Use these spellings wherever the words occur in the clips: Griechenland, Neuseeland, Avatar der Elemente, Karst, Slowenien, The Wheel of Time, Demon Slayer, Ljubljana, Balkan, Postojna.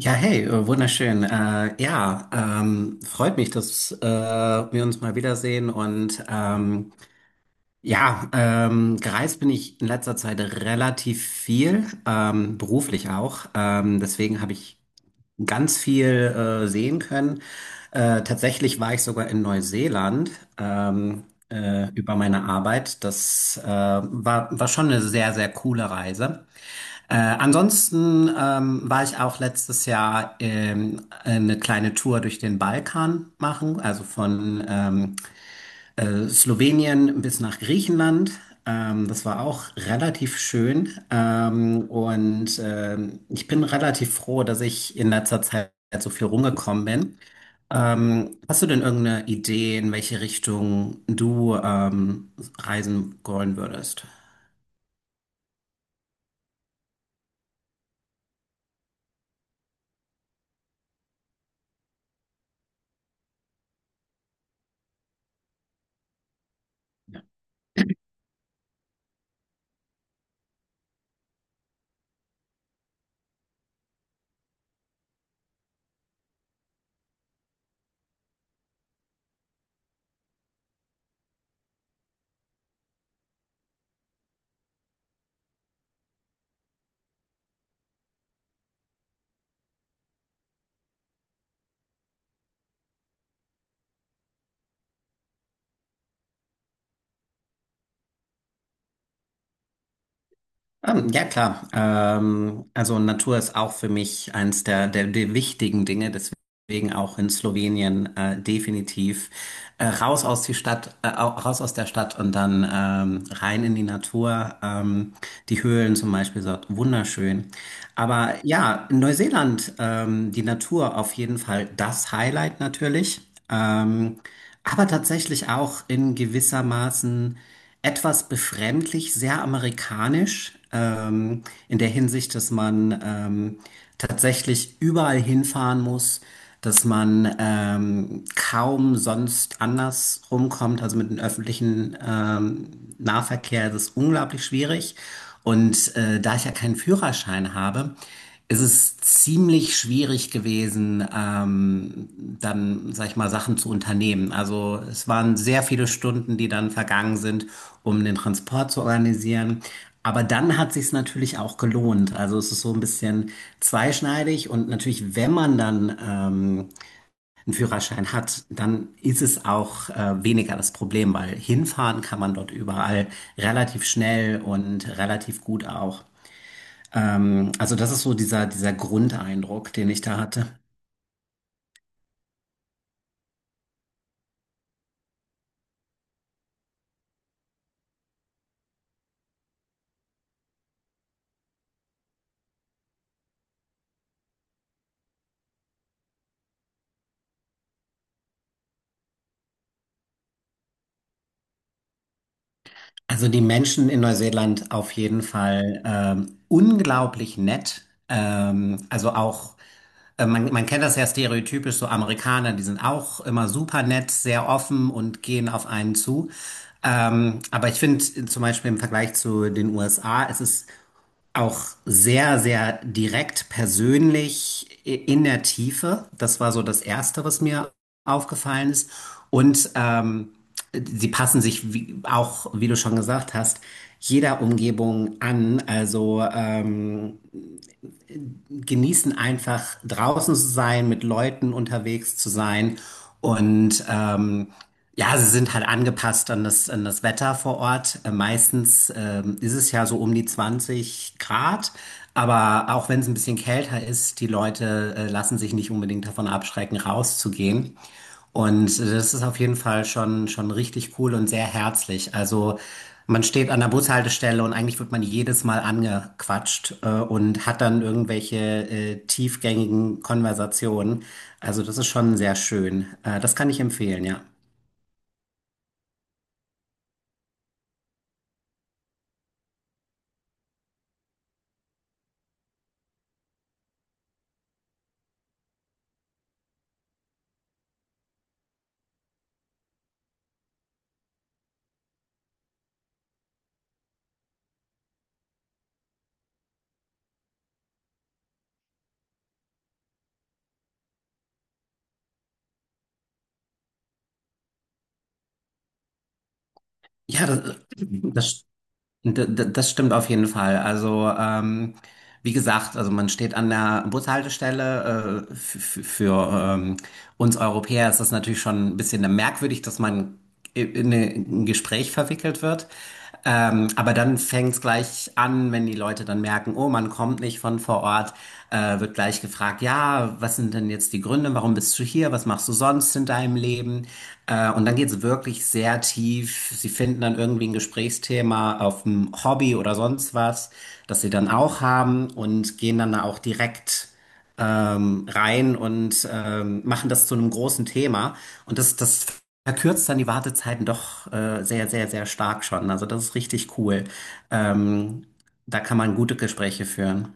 Ja, hey, wunderschön. Ja, freut mich, dass wir uns mal wiedersehen. Und ja, gereist bin ich in letzter Zeit relativ viel, beruflich auch. Deswegen habe ich ganz viel sehen können. Tatsächlich war ich sogar in Neuseeland ähm, über meine Arbeit. Das war schon eine sehr, sehr coole Reise. Ansonsten war ich auch letztes Jahr eine kleine Tour durch den Balkan machen, also von Slowenien bis nach Griechenland. Das war auch relativ schön. Ich bin relativ froh, dass ich in letzter Zeit so viel rumgekommen bin. Hast du denn irgendeine Idee, in welche Richtung du reisen wollen würdest? Ja, klar. Also Natur ist auch für mich eins der wichtigen Dinge, deswegen auch in Slowenien definitiv raus aus die Stadt, raus aus der Stadt und dann rein in die Natur. Die Höhlen zum Beispiel sind wunderschön. Aber ja, in Neuseeland die Natur auf jeden Fall das Highlight natürlich. Ähm, aber tatsächlich auch in gewissermaßen etwas befremdlich, sehr amerikanisch, in der Hinsicht, dass man tatsächlich überall hinfahren muss, dass man kaum sonst anders rumkommt, also mit dem öffentlichen Nahverkehr ist es unglaublich schwierig. Und da ich ja keinen Führerschein habe, es ist ziemlich schwierig gewesen, dann, sag ich mal, Sachen zu unternehmen. Also es waren sehr viele Stunden, die dann vergangen sind, um den Transport zu organisieren. Aber dann hat sich's natürlich auch gelohnt. Also es ist so ein bisschen zweischneidig und natürlich, wenn man dann einen Führerschein hat, dann ist es auch weniger das Problem, weil hinfahren kann man dort überall relativ schnell und relativ gut auch. Also das ist so dieser Grundeindruck, den ich da hatte. Also die Menschen in Neuseeland auf jeden Fall unglaublich nett. Also auch, man kennt das ja stereotypisch, so Amerikaner, die sind auch immer super nett, sehr offen und gehen auf einen zu. Aber ich finde zum Beispiel im Vergleich zu den USA, es ist auch sehr, sehr direkt persönlich in der Tiefe. Das war so das Erste, was mir aufgefallen ist. Und sie passen sich wie, auch, wie du schon gesagt hast, jeder Umgebung an. Also genießen einfach draußen zu sein, mit Leuten unterwegs zu sein und ja, sie sind halt angepasst an das Wetter vor Ort. Meistens ist es ja so um die 20 Grad, aber auch wenn es ein bisschen kälter ist, die Leute lassen sich nicht unbedingt davon abschrecken, rauszugehen. Und das ist auf jeden Fall schon, schon richtig cool und sehr herzlich. Also man steht an der Bushaltestelle und eigentlich wird man jedes Mal angequatscht und hat dann irgendwelche tiefgängigen Konversationen. Also das ist schon sehr schön. Das kann ich empfehlen, ja. Ja, das stimmt auf jeden Fall. Also, wie gesagt, also man steht an der Bushaltestelle. Für ähm, uns Europäer ist das natürlich schon ein bisschen merkwürdig, dass man in ein Gespräch verwickelt wird. Aber dann fängt es gleich an, wenn die Leute dann merken, oh, man kommt nicht von vor Ort. Telefonat wird gleich gefragt, ja, was sind denn jetzt die Gründe, warum bist du hier, was machst du sonst in deinem Leben? Und dann geht es wirklich sehr tief. Sie finden dann irgendwie ein Gesprächsthema auf ein Hobby oder sonst was, das sie dann auch haben und gehen dann da auch direkt rein und machen das zu einem großen Thema. Und das verkürzt dann die Wartezeiten doch sehr, sehr, sehr stark schon. Also das ist richtig cool. Ähm, Da kann man gute Gespräche führen.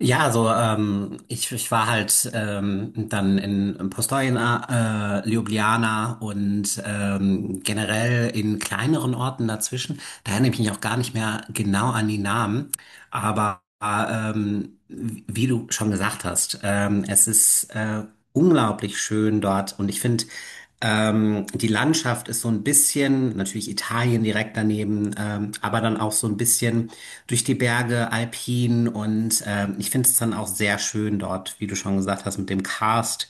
Ja, also ich war halt dann in Postojna, Ljubljana und generell in kleineren Orten dazwischen. Da erinnere ich mich auch gar nicht mehr genau an die Namen. Aber wie wie du schon gesagt hast, es ist unglaublich schön dort und ich finde, die Landschaft ist so ein bisschen, natürlich Italien direkt daneben, aber dann auch so ein bisschen durch die Berge, alpin und ich finde es dann auch sehr schön dort, wie du schon gesagt hast, mit dem Karst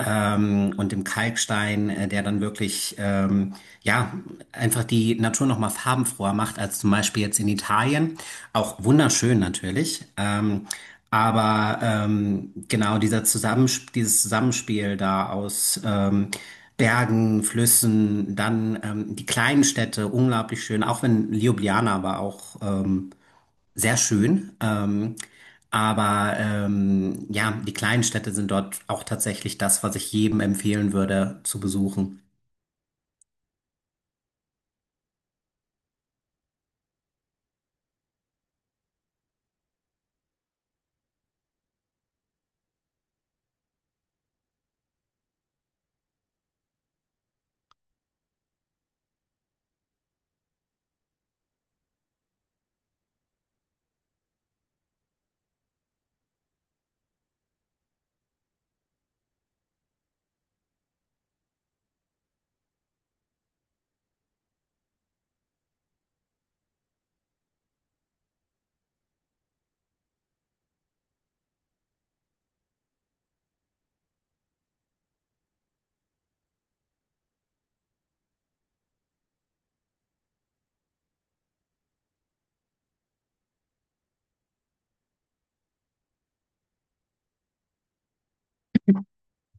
und dem Kalkstein, der dann wirklich ja einfach die Natur noch mal farbenfroher macht als zum Beispiel jetzt in Italien. Auch wunderschön natürlich. Genau dieser Zusammensp dieses Zusammenspiel da aus Bergen, Flüssen, dann die kleinen Städte, unglaublich schön, auch wenn Ljubljana war auch sehr schön. Ja, die kleinen Städte sind dort auch tatsächlich das, was ich jedem empfehlen würde zu besuchen.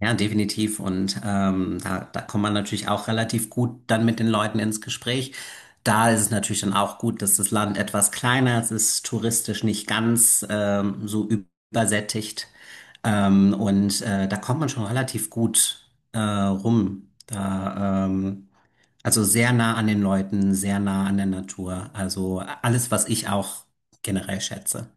Ja, definitiv. Und da kommt man natürlich auch relativ gut dann mit den Leuten ins Gespräch. Da ist es natürlich dann auch gut, dass das Land etwas kleiner ist, es ist touristisch nicht ganz so übersättigt. Da kommt man schon relativ gut rum. Also sehr nah an den Leuten, sehr nah an der Natur. Also alles, was ich auch generell schätze.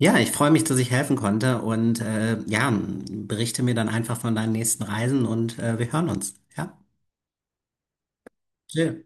Ja, ich freue mich, dass ich helfen konnte und ja, berichte mir dann einfach von deinen nächsten Reisen und wir hören uns. Ja, chill.